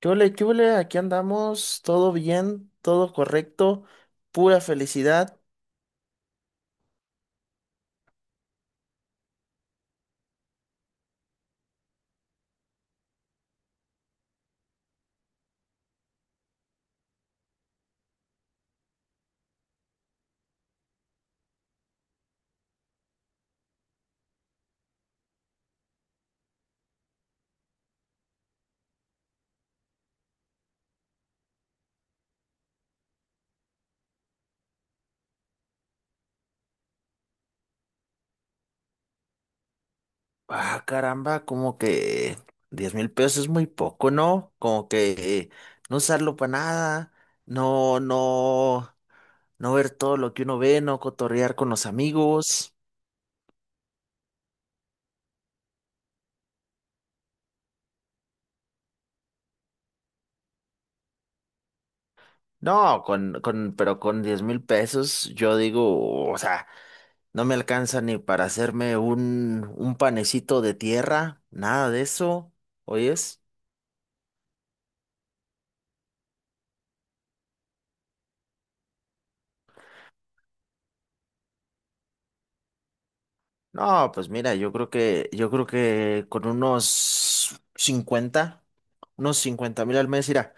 ¿Qué ole, qué ole? Aquí andamos, todo bien, todo correcto, pura felicidad. Ah, caramba, como que 10.000 pesos es muy poco, ¿no? Como que no usarlo para nada, no, no, no ver todo lo que uno ve, no cotorrear con los amigos. No, pero con 10.000 pesos, yo digo, o sea, no me alcanza ni para hacerme un panecito de tierra, nada de eso, ¿oyes? No, pues mira, yo creo que con unos 50, unos 50.000 al mes, mira,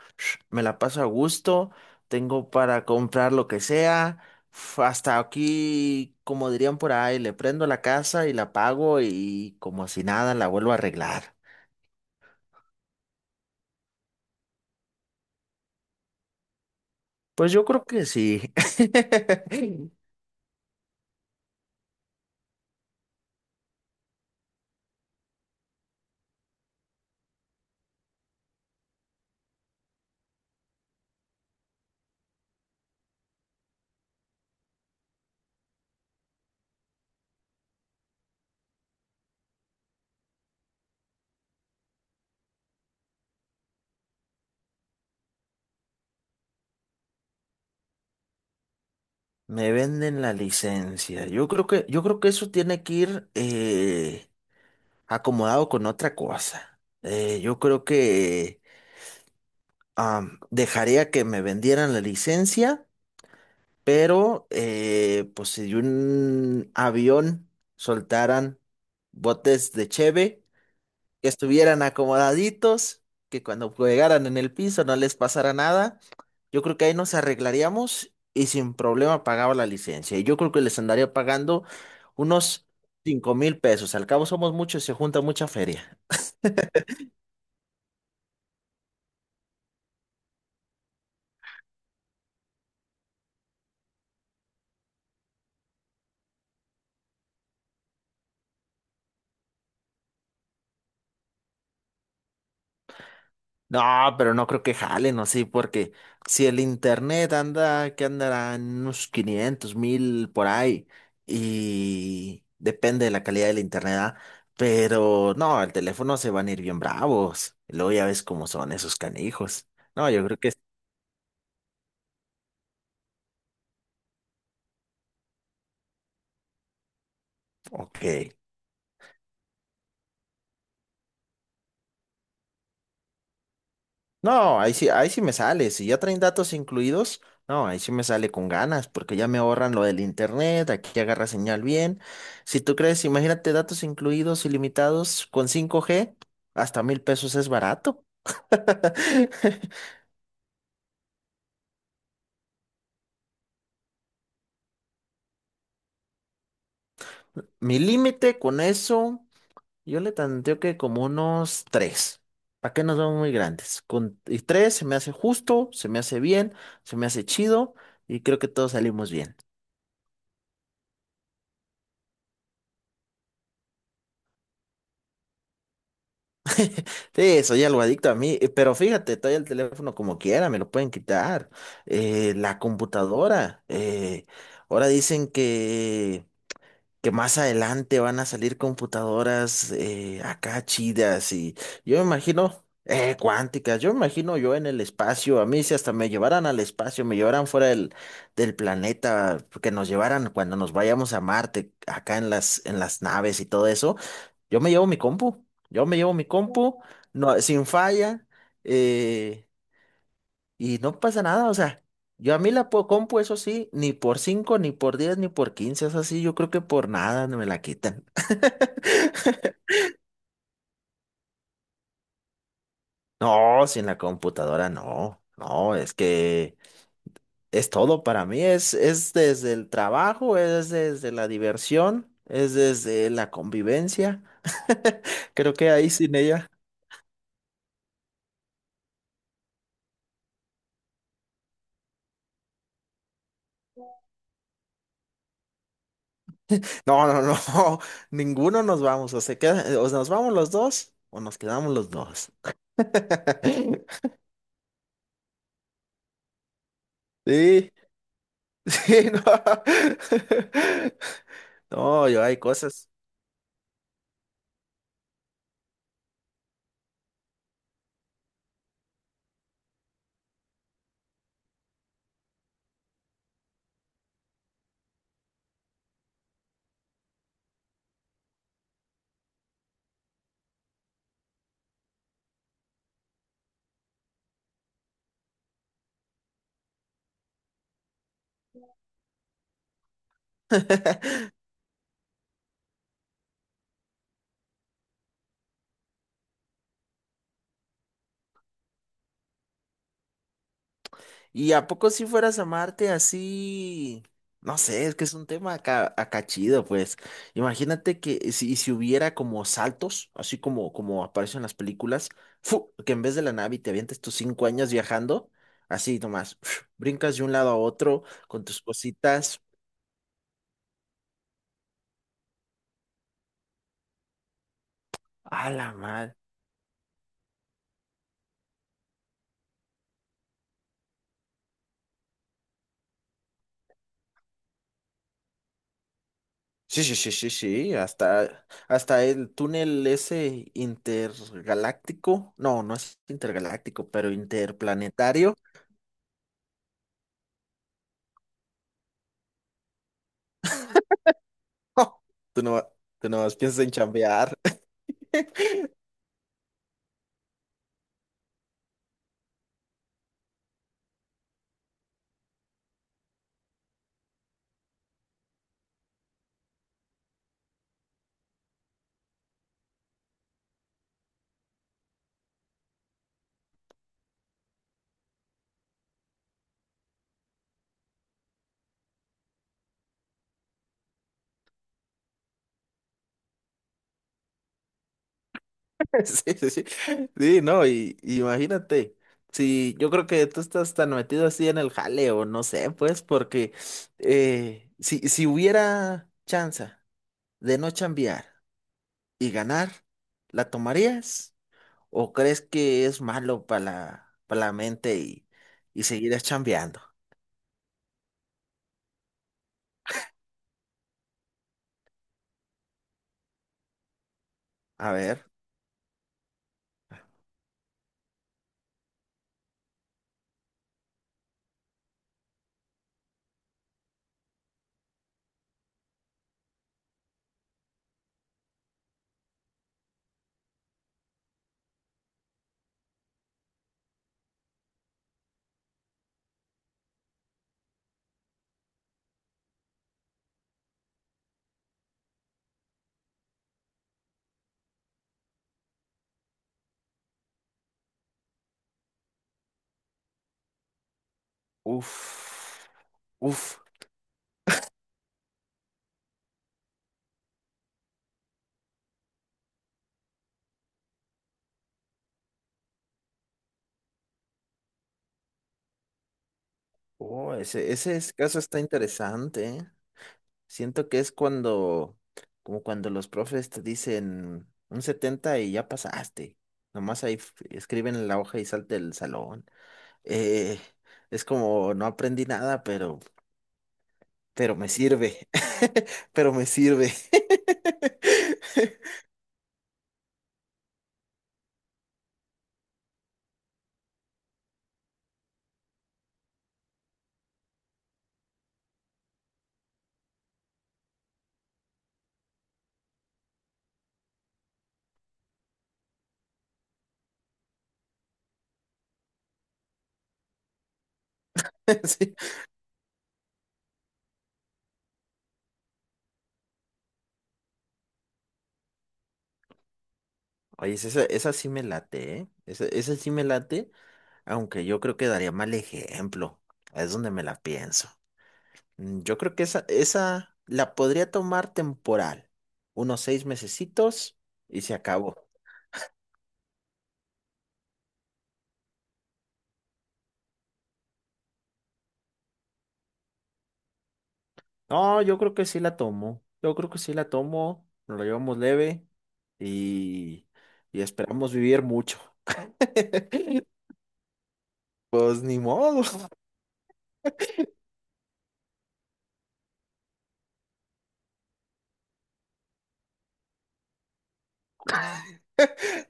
me la paso a gusto, tengo para comprar lo que sea, hasta aquí, como dirían por ahí, le prendo la casa y la pago y como si nada la vuelvo a arreglar. Pues yo creo que sí. Me venden la licencia. Yo creo que eso tiene que ir acomodado con otra cosa. Yo creo que dejaría que me vendieran la licencia, pero pues si un avión soltaran botes de cheve, que estuvieran acomodaditos, que cuando llegaran en el piso no les pasara nada, yo creo que ahí nos arreglaríamos y sin problema pagaba la licencia. Y yo creo que les andaría pagando unos 5.000 pesos. Al cabo somos muchos y se junta mucha feria. No, pero no creo que jalen así, porque si el internet anda, que andará en unos 500.000 por ahí, y depende de la calidad del internet, ¿ah? Pero no, el teléfono se van a ir bien bravos. Y luego ya ves cómo son esos canijos. No, yo creo que es ok. No, ahí sí me sale. Si ya traen datos incluidos, no, ahí sí me sale con ganas, porque ya me ahorran lo del internet, aquí agarra señal bien. Si tú crees, imagínate datos incluidos ilimitados con 5G, hasta 1.000 pesos es barato. Mi límite con eso, yo le tanteo que como unos tres. ¿Para qué nos vamos muy grandes? Con y tres se me hace justo, se me hace bien, se me hace chido y creo que todos salimos bien. Sí, soy algo adicto a mí, pero fíjate, todavía el teléfono como quiera, me lo pueden quitar. La computadora, ahora dicen que más adelante van a salir computadoras acá chidas y yo me imagino cuánticas, yo me imagino yo en el espacio, a mí si hasta me llevaran al espacio, me llevaran fuera del planeta, que nos llevaran cuando nos vayamos a Marte, acá en en las naves y todo eso, yo me llevo mi compu, no, sin falla. eh, y no pasa nada, o sea, yo a mí la compu, eso sí, ni por 5 ni por 10, ni por 15 es así, yo creo que por nada no me la quitan. No, sin la computadora no, no, es que es todo para mí, es desde el trabajo, es desde la diversión, es desde la convivencia, creo que ahí sin ella. No, ninguno nos vamos, o se queda, o nos vamos los dos, o nos quedamos los dos. Sí. Sí, no. No, yo hay cosas. ¿Y a poco si fueras a Marte así? No sé, es que es un tema acá chido, pues. Imagínate que si hubiera como saltos, como aparece en las películas, ¡fu! Que en vez de la nave te avientes tus 5 años viajando, así nomás, ¡fiu! Brincas de un lado a otro con tus cositas. A la madre. Sí, hasta el túnel ese intergaláctico, no, no es intergaláctico, pero interplanetario. ¡Oh! Tú no, Tú no piensas en chambear. Sí, sí, sí, sí, no, y imagínate, si yo creo que tú estás tan metido así en el jale o no sé, pues, porque si hubiera chance de no chambear y ganar, ¿la tomarías? ¿O crees que es malo para para la mente y seguir chambeando? A ver, uff, uff, oh, caso está interesante, ¿eh? Siento que es cuando, como cuando los profes te dicen un 70 y ya pasaste. Nomás ahí escriben en la hoja y salte del salón. Eh, es como, no aprendí nada, pero me sirve. Pero me sirve. Sí. Oye, esa sí me late, ¿eh? Esa sí me late, aunque yo creo que daría mal ejemplo. Es donde me la pienso. Mm, yo creo que esa la podría tomar temporal. Unos 6 mesecitos y se acabó. No, yo creo que sí la tomo. Yo creo que sí la tomo. Nos lo llevamos leve y, y esperamos vivir mucho. Pues ni modo.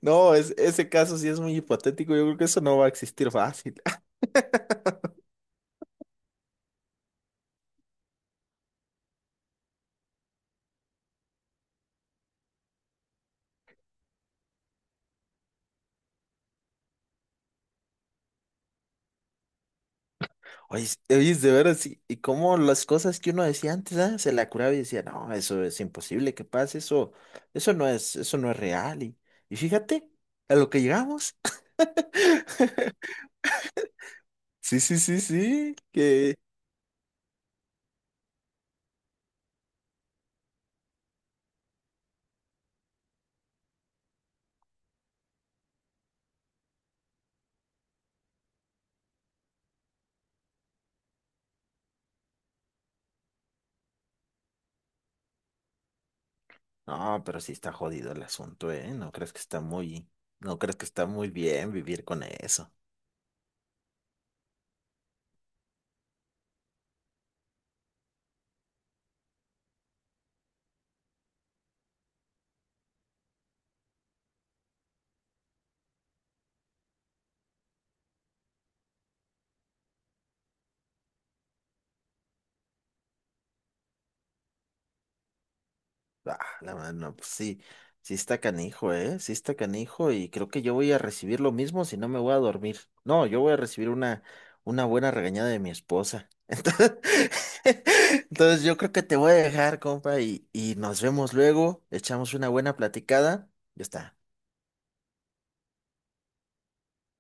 No, es, ese caso sí es muy hipotético. Yo creo que eso no va a existir fácil. Oye, oye, de veras, sí, y cómo las cosas que uno decía antes, ah, se la curaba y decía, no, eso es imposible que pase, eso no es real. Y fíjate, a lo que llegamos. Sí, que... No, pero sí está jodido el asunto, ¿eh? No crees que está muy, No crees que está muy bien vivir con eso. Ah, la mano, pues sí, sí está canijo, ¿eh? Sí está canijo y creo que yo voy a recibir lo mismo si no me voy a dormir. No, yo voy a recibir una buena regañada de mi esposa. Entonces, entonces yo creo que te voy a dejar, compa, y nos vemos luego, echamos una buena platicada. Ya está.